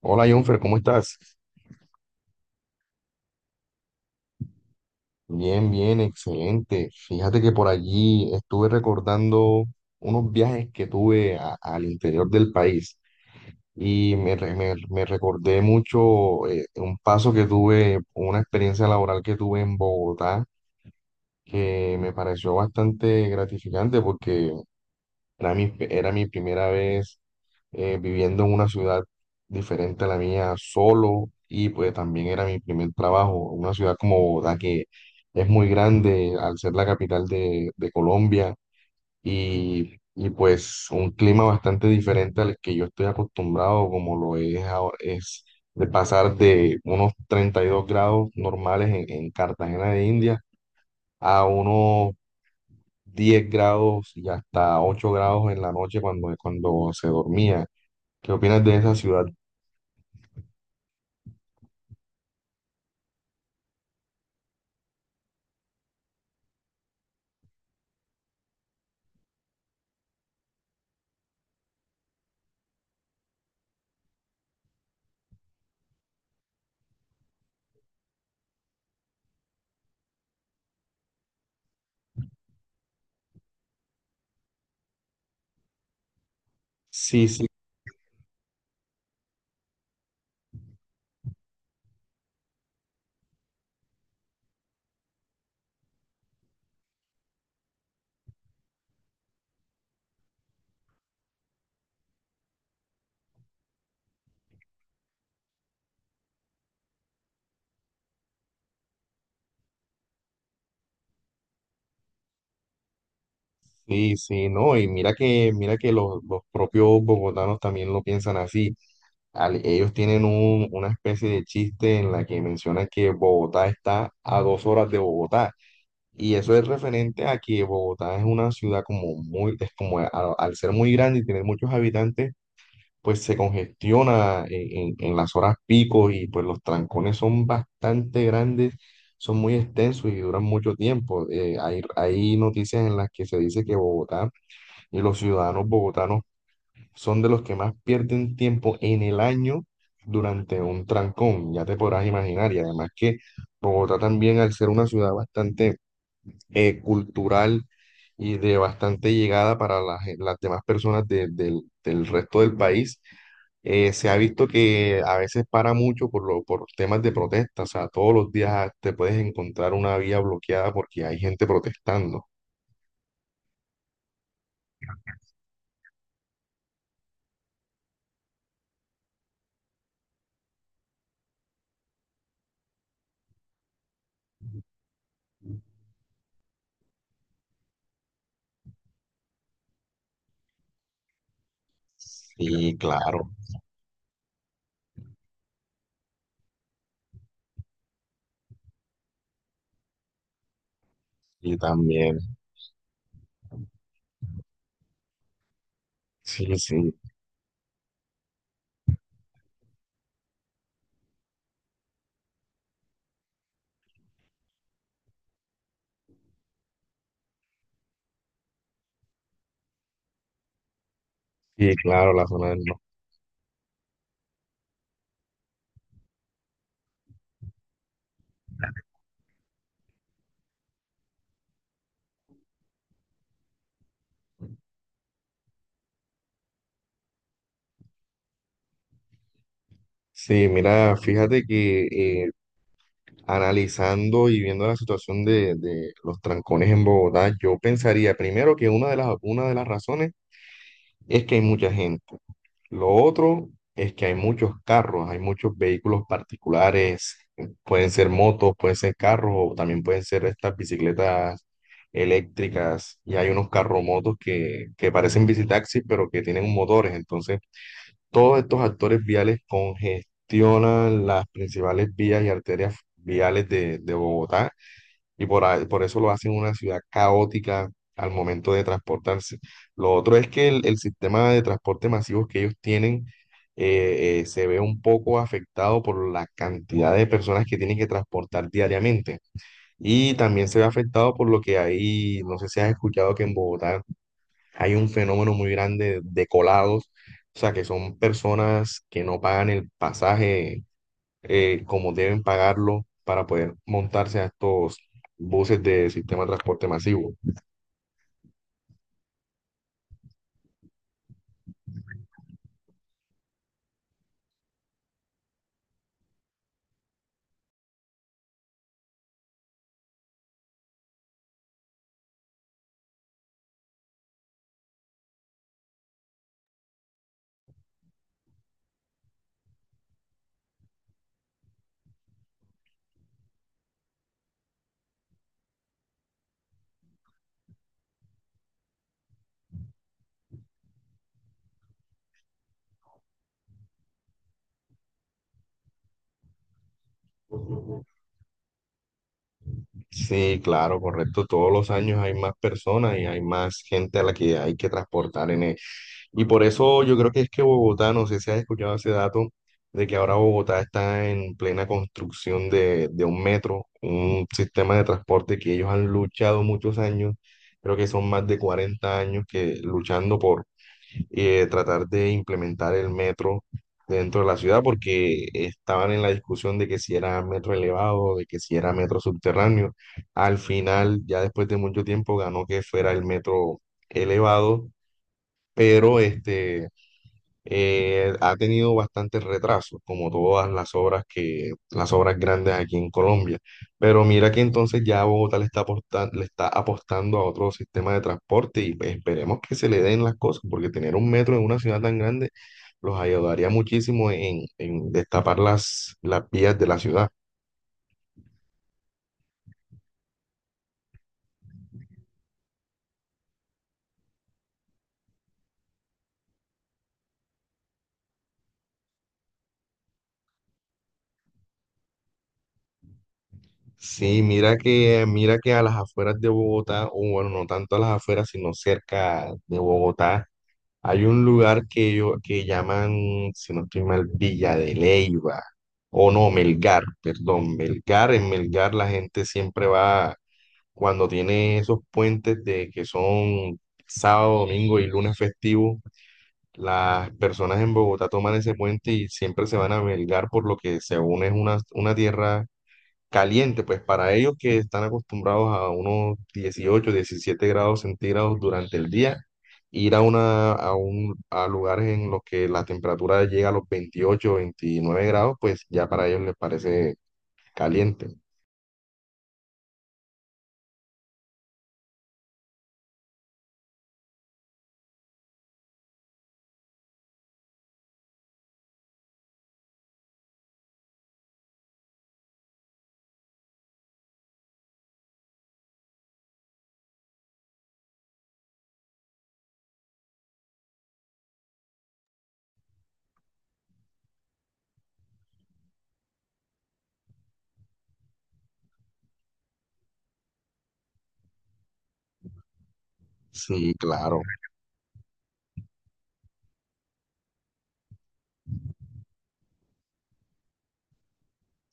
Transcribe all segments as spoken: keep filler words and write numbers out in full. Hola, Jonfer, ¿cómo estás? Bien, bien, excelente. Fíjate que por allí estuve recordando unos viajes que tuve a- al interior del país y me, re- me- me recordé mucho eh, un paso que tuve, una experiencia laboral que tuve en Bogotá que me pareció bastante gratificante porque Era mi, era mi primera vez eh, viviendo en una ciudad diferente a la mía solo, y pues también era mi primer trabajo, una ciudad como Bogotá que es muy grande al ser la capital de, de Colombia, y, y pues un clima bastante diferente al que yo estoy acostumbrado como lo es ahora, es de pasar de unos treinta y dos grados normales en, en Cartagena de India a unos diez grados y hasta ocho grados en la noche, cuando, cuando se dormía. ¿Qué opinas de esa ciudad? Sí, sí, sí, sí, no, y mira que, mira que los, los propios bogotanos también lo piensan así. Al- ellos tienen un- una especie de chiste en la que mencionan que Bogotá está a dos horas de Bogotá. Y eso es referente a que Bogotá es una ciudad como muy, es como a- al ser muy grande y tener muchos habitantes, pues se congestiona en, en- en las horas pico, y pues los trancones son bastante grandes, son muy extensos y duran mucho tiempo. Eh, hay, hay noticias en las que se dice que Bogotá y los ciudadanos bogotanos son de los que más pierden tiempo en el año durante un trancón, ya te podrás imaginar. Y además, que Bogotá también, al ser una ciudad bastante eh, cultural, y de bastante llegada para las, las demás personas de- del del resto del país, eh, se ha visto que a veces para mucho por, lo, por temas de protesta, o sea, todos los días te puedes encontrar una vía bloqueada porque hay gente protestando. Sí, claro, y también, sí, sí, sí, claro, la zona del no. Sí, mira, fíjate que eh, analizando y viendo la situación de, de los trancones en Bogotá, yo pensaría primero que una de las, una de las razones es que hay mucha gente. Lo otro es que hay muchos carros, hay muchos vehículos particulares, pueden ser motos, pueden ser carros, o también pueden ser estas bicicletas eléctricas, y hay unos carromotos que, que parecen bicitaxis, pero que tienen motores. Entonces, todos estos actores viales congestionan las principales vías y arterias viales de, de Bogotá, y por, ahí- por eso lo hacen una ciudad caótica al momento de transportarse. Lo otro es que el, el sistema de transporte masivo que ellos tienen, eh, eh, se ve un poco afectado por la cantidad de personas que tienen que transportar diariamente. Y también se ve afectado por lo que hay, no sé si has escuchado que en Bogotá hay un fenómeno muy grande de colados, o sea, que son personas que no pagan el pasaje eh, como deben pagarlo para poder montarse a estos buses de sistema de transporte masivo. Sí, claro, correcto. Todos los años hay más personas y hay más gente a la que hay que transportar en él. Y por eso yo creo que es que Bogotá, no sé si has escuchado ese dato, de que ahora Bogotá está en plena construcción de, de un metro, un sistema de transporte que ellos han luchado muchos años. Creo que son más de cuarenta años que luchando por eh, tratar de implementar el metro dentro de la ciudad, porque estaban en la discusión de que si era metro elevado, de que si era metro subterráneo. Al final, ya después de mucho tiempo, ganó que fuera el metro elevado, pero este eh, ha tenido bastantes retrasos, como todas las obras que, las obras grandes aquí en Colombia. Pero mira que entonces ya Bogotá le está aposta- le está apostando a otro sistema de transporte, y pues esperemos que se le den las cosas, porque tener un metro en una ciudad tan grande los ayudaría muchísimo en, en destapar las, las vías de la ciudad. Sí, mira que, mira que a las afueras de Bogotá, o bueno, no tanto a las afueras, sino cerca de Bogotá, hay un lugar que, yo, que llaman, si no estoy mal, Villa de Leyva, o no, Melgar, perdón, Melgar. En Melgar la gente siempre va cuando tiene esos puentes de que son sábado, domingo y lunes festivo. Las personas en Bogotá toman ese puente y siempre se van a Melgar, por lo que según es una, una tierra caliente, pues para ellos que están acostumbrados a unos dieciocho diecisiete grados centígrados durante el día, ir a, una, a, un, a lugares en los que la temperatura llega a los veintiocho veintinueve grados, pues ya para ellos les parece caliente. Sí, claro.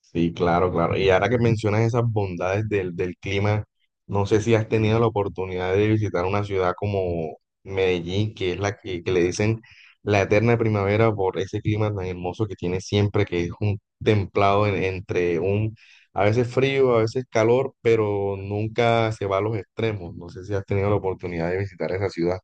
Sí, claro, claro. Y ahora que mencionas esas bondades del, del clima, no sé si has tenido la oportunidad de visitar una ciudad como Medellín, que es la que, que le dicen la eterna primavera por ese clima tan hermoso que tiene siempre, que es un templado en- entre un, a veces frío, a veces calor, pero nunca se va a los extremos. No sé si has tenido la oportunidad de visitar esa ciudad.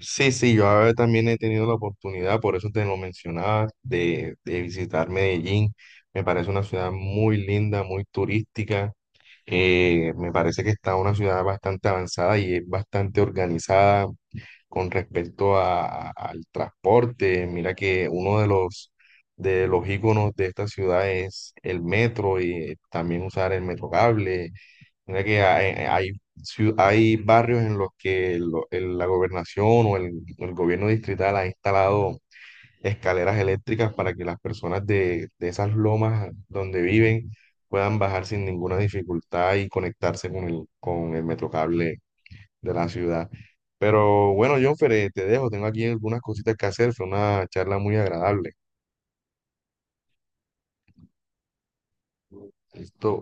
Sí, sí, yo ahora también he tenido la oportunidad, por eso te lo mencionaba, de, de visitar Medellín. Me parece una ciudad muy linda, muy turística. Eh, me parece que está una ciudad bastante avanzada y es bastante organizada con respecto a- a- al transporte. Mira que uno de los, de los íconos de esta ciudad es el metro y también usar el metro cable. Mira que hay, hay, ciu- hay barrios en los que lo- el- la gobernación o el, el gobierno distrital ha instalado escaleras eléctricas para que las personas de, de esas lomas donde viven puedan bajar sin ninguna dificultad y conectarse con el, con el metrocable de la ciudad. Pero bueno, Jonfer, eh, te dejo, tengo aquí algunas cositas que hacer, fue una charla muy agradable. Listo.